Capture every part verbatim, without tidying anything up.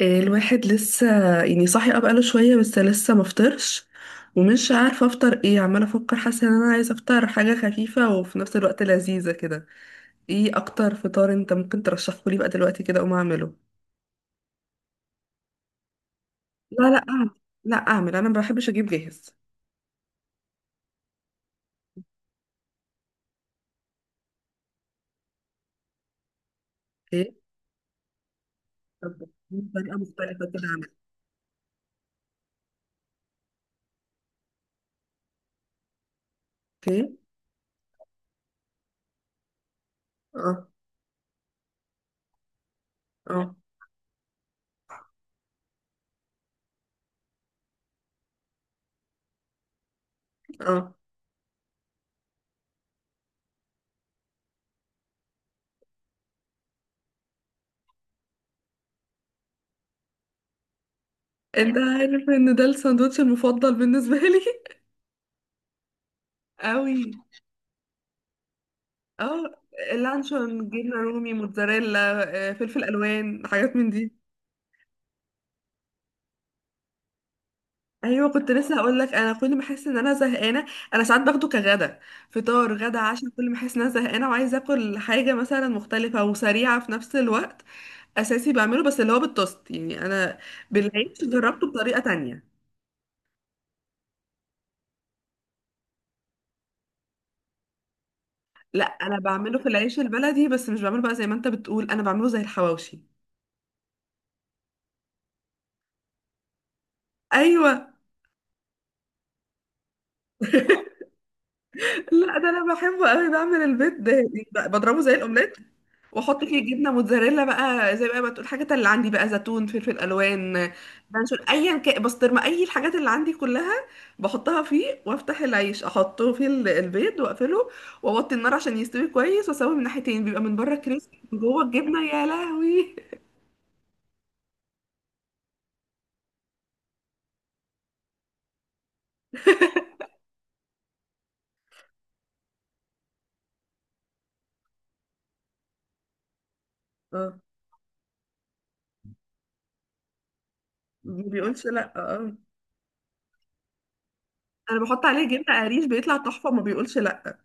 آه، الواحد لسه يعني صاحي اه بقاله شوية، بس لسه مفطرش. ومش عارفة افطر ايه، عمالة افكر، حاسة ان انا عايزة افطر حاجة خفيفة وفي نفس الوقت لذيذة كده. ايه اكتر فطار انت ممكن ترشحه لي بقى دلوقتي كده اقوم اعمله؟ لا، لا اعمل. لا اعمل، انا ما بحبش اجيب جاهز. اوكي. طب. دي طريقة مختلفة كده اعمل. اوكي. اه. اه. اه. انت عارف ان ده الساندوتش المفضل بالنسبة لي؟ قوي. اه. اللانشون، جبنة رومي، موتزاريلا، آه، فلفل الوان، حاجات من دي. ايوه، كنت لسه هقول لك انا كل ما احس ان انا زهقانه. انا ساعات باخده كغدا، فطار غدا عشاء، كل ما احس ان انا زهقانه وعايزه اكل حاجه مثلا مختلفه وسريعه في نفس الوقت. اساسي بعمله، بس اللي هو بالتوست يعني. انا بالعيش جربته بطريقه تانية. لا، انا بعمله في العيش البلدي، بس مش بعمله بقى زي ما انت بتقول، انا بعمله زي الحواوشي. ايوه. لا، ده انا بحبه قوي، بعمل البيض ده يعني، بضربه زي الاومليت واحط فيه جبنه موتزاريلا بقى، زي بقى ما تقول، الحاجات اللي عندي بقى، زيتون، فلفل الوان، بنشر، ايا كان بسطرمه، اي الحاجات اللي عندي كلها بحطها فيه، وافتح العيش احطه في ال- البيض واقفله، واوطي النار عشان يستوي كويس، واسويه من ناحيتين بيبقى من بره كريسبي، من جوه الجبنه يا لهوي. اه. ما بيقولش لا. اه. انا بحط عليه جبنه قريش بيطلع تحفه، ما بيقولش لا.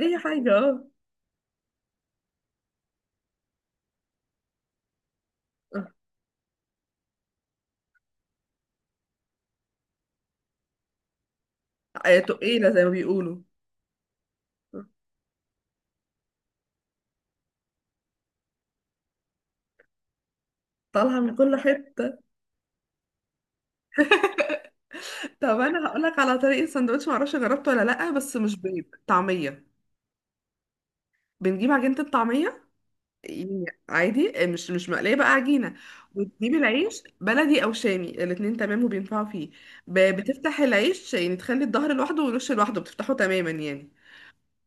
اي حاجه، اه. آه، آه، تقيله زي ما بيقولوا. طالعه من كل حته. طب انا هقول لك على طريقه سندوتش، معرفش جربته ولا لا، بس مش بيض، طعميه. بنجيب عجينه الطعميه، يعني عادي مش مش مقليه بقى، عجينه. وتجيب العيش بلدي او شامي، الاتنين تمام وبينفعوا فيه. ب- بتفتح العيش، يعني تخلي الظهر لوحده والوش لوحده، بتفتحه تماما يعني.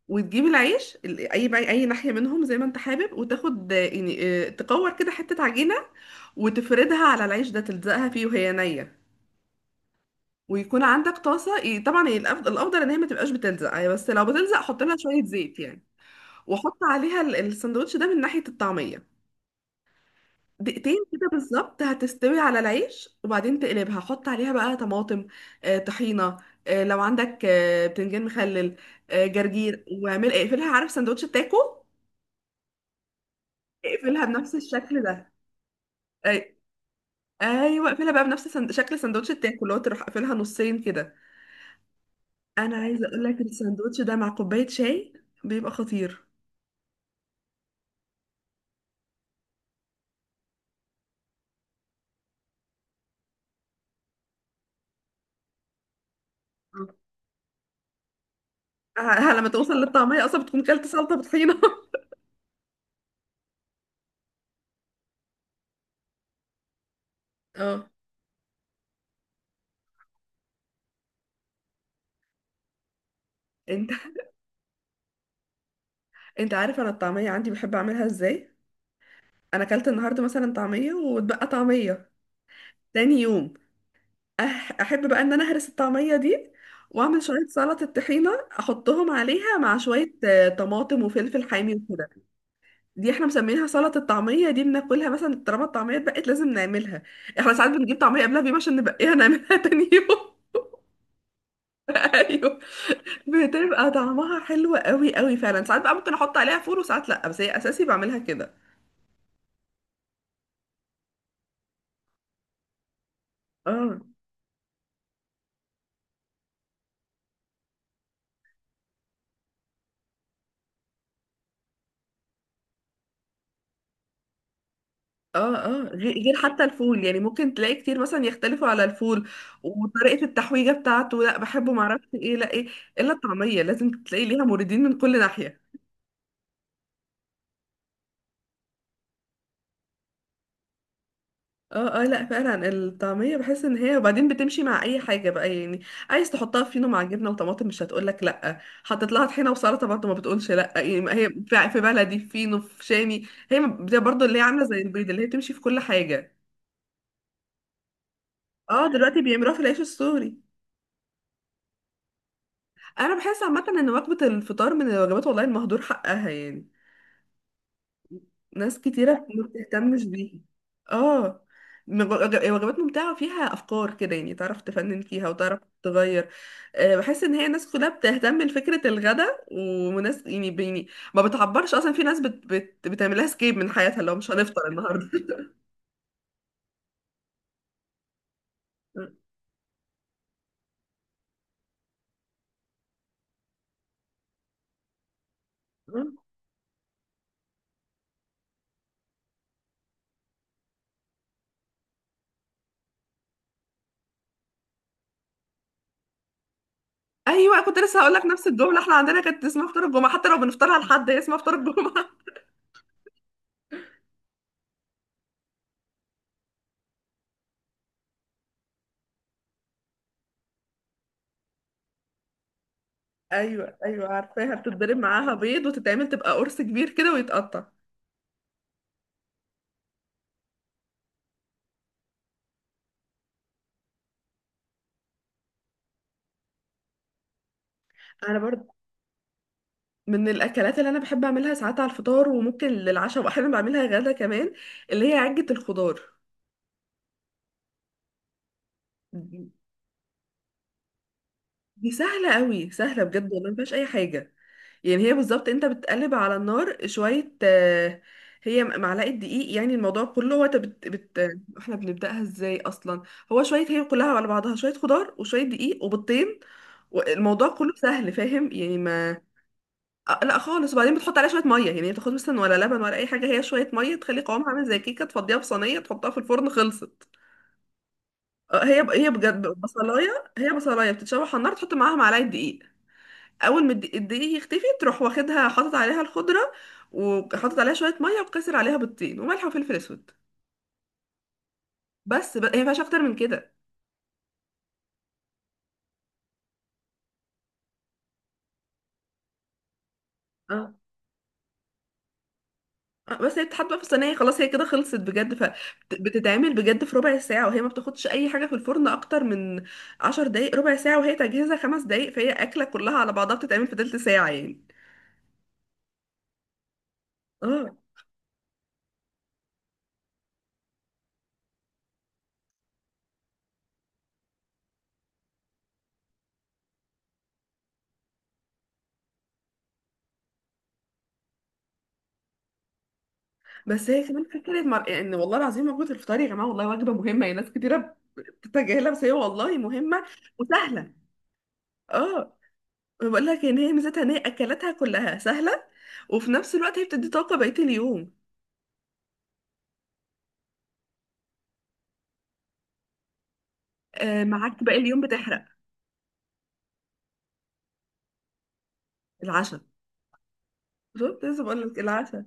وتجيب العيش ال- اي بقى اي ناحيه منهم زي ما انت حابب، وتاخد آه، يعني، آه، تكور كده حته عجينه وتفردها على العيش ده، تلزقها فيه وهي نيه. ويكون عندك طاسه، ي- طبعا هي الأفضل, الافضل ان هي ما تبقاش بتلزق يعني، بس لو بتلزق حط لها شويه زيت يعني. وحط عليها ال- السندوتش ده من ناحيه الطعميه، دقيقتين كده بالظبط هتستوي على العيش، وبعدين تقلبها حط عليها بقى طماطم، آه، طحينه، آه، لو عندك آه، بتنجان مخلل، آه، جرجير، واعمل اقفلها. عارف سندوتش التاكو؟ اقفلها بنفس الشكل ده. أي- ايوه، اقفلها بقى بنفس سند- شكل سندوتش التاكو، اللي هو تروح قافلها نصين كده. انا عايزه اقول لك الساندوتش ده مع كوبايه شاي بيبقى خطير. ه- ه- لما توصل للطعمية اصلا بتكون كلت سلطة بطحينة. اه. انت انت عارف انا الطعمية عندي بحب اعملها ازاي؟ انا كلت النهاردة مثلا طعمية واتبقى طعمية تاني يوم. أح احب بقى ان انا اهرس الطعمية دي، واعمل شوية سلطة طحينة احطهم عليها مع شوية آه، طماطم وفلفل حامي وكده. دي احنا مسمينها سلطة الطعمية، دي بناكلها مثلا طالما الطعمية اتبقت لازم نعملها. احنا ساعات بنجيب طعمية قبلها بيوم عشان نبقيها نعملها تاني يوم. ايوه. بتبقى طعمها حلو قوي قوي فعلا. ساعات بقى ممكن احط عليها فول وساعات لا، بس هي اساسي بعملها كده. اه. اه. اه. غير غير حتى الفول، يعني ممكن تلاقي كتير مثلا يختلفوا على الفول وطريقة التحويجة بتاعته، لا بحبه معرفش ايه لا ايه. الا الطعمية لازم تلاقي ليها موردين من كل ناحية. اه. اه. لا فعلا، الطعمية بحس ان هي وبعدين بتمشي مع اي حاجة بقى يعني. عايز تحطها فينو مع جبنة وطماطم مش هتقولك لا، حطيت لها طحينة وسلطة برضه ما بتقولش لا يعني، ما هي في في بلدي، في فينو، في شامي، هي ما- زي برضه اللي هي عاملة زي البيض، اللي هي بتمشي في كل حاجة. اه. دلوقتي بيعملوها في العيش السوري. انا بحس عامة ان وجبة الفطار من الوجبات والله المهدور حقها يعني. ناس كتيرة ما بتهتمش بيها. اه. مج- وجبات ممتعة فيها أفكار كده يعني، تعرف تفنن فيها وتعرف تغير. آه، بحس إن هي الناس كلها بتهتم لفكرة الغداء، وناس يعني بيني، ما بتعبرش أصلا، في ناس بت بت بتعملها سكيب من حياتها، لو مش هنفطر النهاردة. أيوة، كنت لسه هقول لك نفس الجملة، احنا عندنا كانت اسمها فطار الجمعة، حتى لو بنفطرها لحد، هي اسمها فطار الجمعة. أيوة أيوة عارفاها، بتتضرب معاها بيض وتتعمل تبقى قرص كبير كده ويتقطع. انا برضو من الاكلات اللي انا بحب اعملها ساعات على الفطار، وممكن للعشاء، واحيانا بعملها غدا كمان، اللي هي عجة الخضار. دي سهلة قوي، سهلة بجد والله ما فيهاش اي حاجة. يعني هي بالظبط انت بتقلب على النار شوية، آه، هي معلقة دقيق، يعني الموضوع كله هو انت بت... بت... احنا بنبدأها ازاي اصلا؟ هو شوية، هي كلها على بعضها شوية خضار وشوية دقيق وبيضتين، والموضوع كله سهل فاهم يعني ما. آه، لا خالص. وبعدين بتحط عليها شويه ميه يعني، ما بتاخدش مثلا ولا لبن ولا اي حاجه، هي شويه ميه تخلي قوامها عامل زي كيكه، تفضيها في صينيه تحطها في الفرن خلصت. آه، هي هي بجد بصلايه، هي بصلايه بتتشوح على النار، تحط معاها معلقه دقيق. اول ما الدقيق الدقيق يختفي تروح واخدها حاطط عليها الخضره، وحاطط عليها شويه ميه وكسر عليها بيضتين وملح وفلفل اسود. بس ب... هي ما فيهاش اكتر من كده. اه. آه، بس هي بتتحط بقى في الصينيه خلاص، هي كده خلصت بجد، فبتتعمل بجد في ربع ساعه، وهي ما بتاخدش اي حاجه في الفرن اكتر من عشر دقايق، ربع ساعه. وهي تجهيزها خمس دقايق، فهي اكله كلها على بعضها بتتعمل في تلت ساعه يعني. اه. بس هي كمان فكره مر... يعني والله العظيم وجبه الفطار يا جماعه والله وجبه مهمه يعني، ناس كتيره بتتجاهلها بس هي والله مهمه وسهله. اه. بقول لك ان هي ميزتها ان هي اكلاتها كلها سهله، وفي نفس الوقت هي بتدي طاقه بقيه اليوم. آه معاك باقي اليوم بتحرق. العشاء. بالظبط، لسه بقول لك العشاء.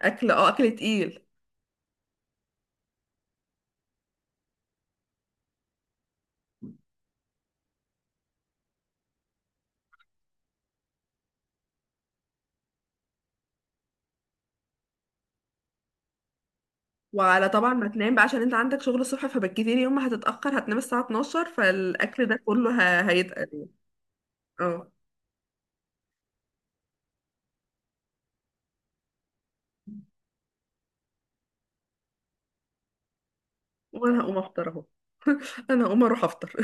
اكل، اه اكل تقيل. وعلى طبعا ما تنام بقى عشان انت عندك شغل الصبح، فبالكتير يوم ما هتتأخر هتنام الساعة اتناشر، فالاكل ده كله ه... هيتقل يعني. اه. وانا هقوم افطر اهو. انا هقوم اروح افطر.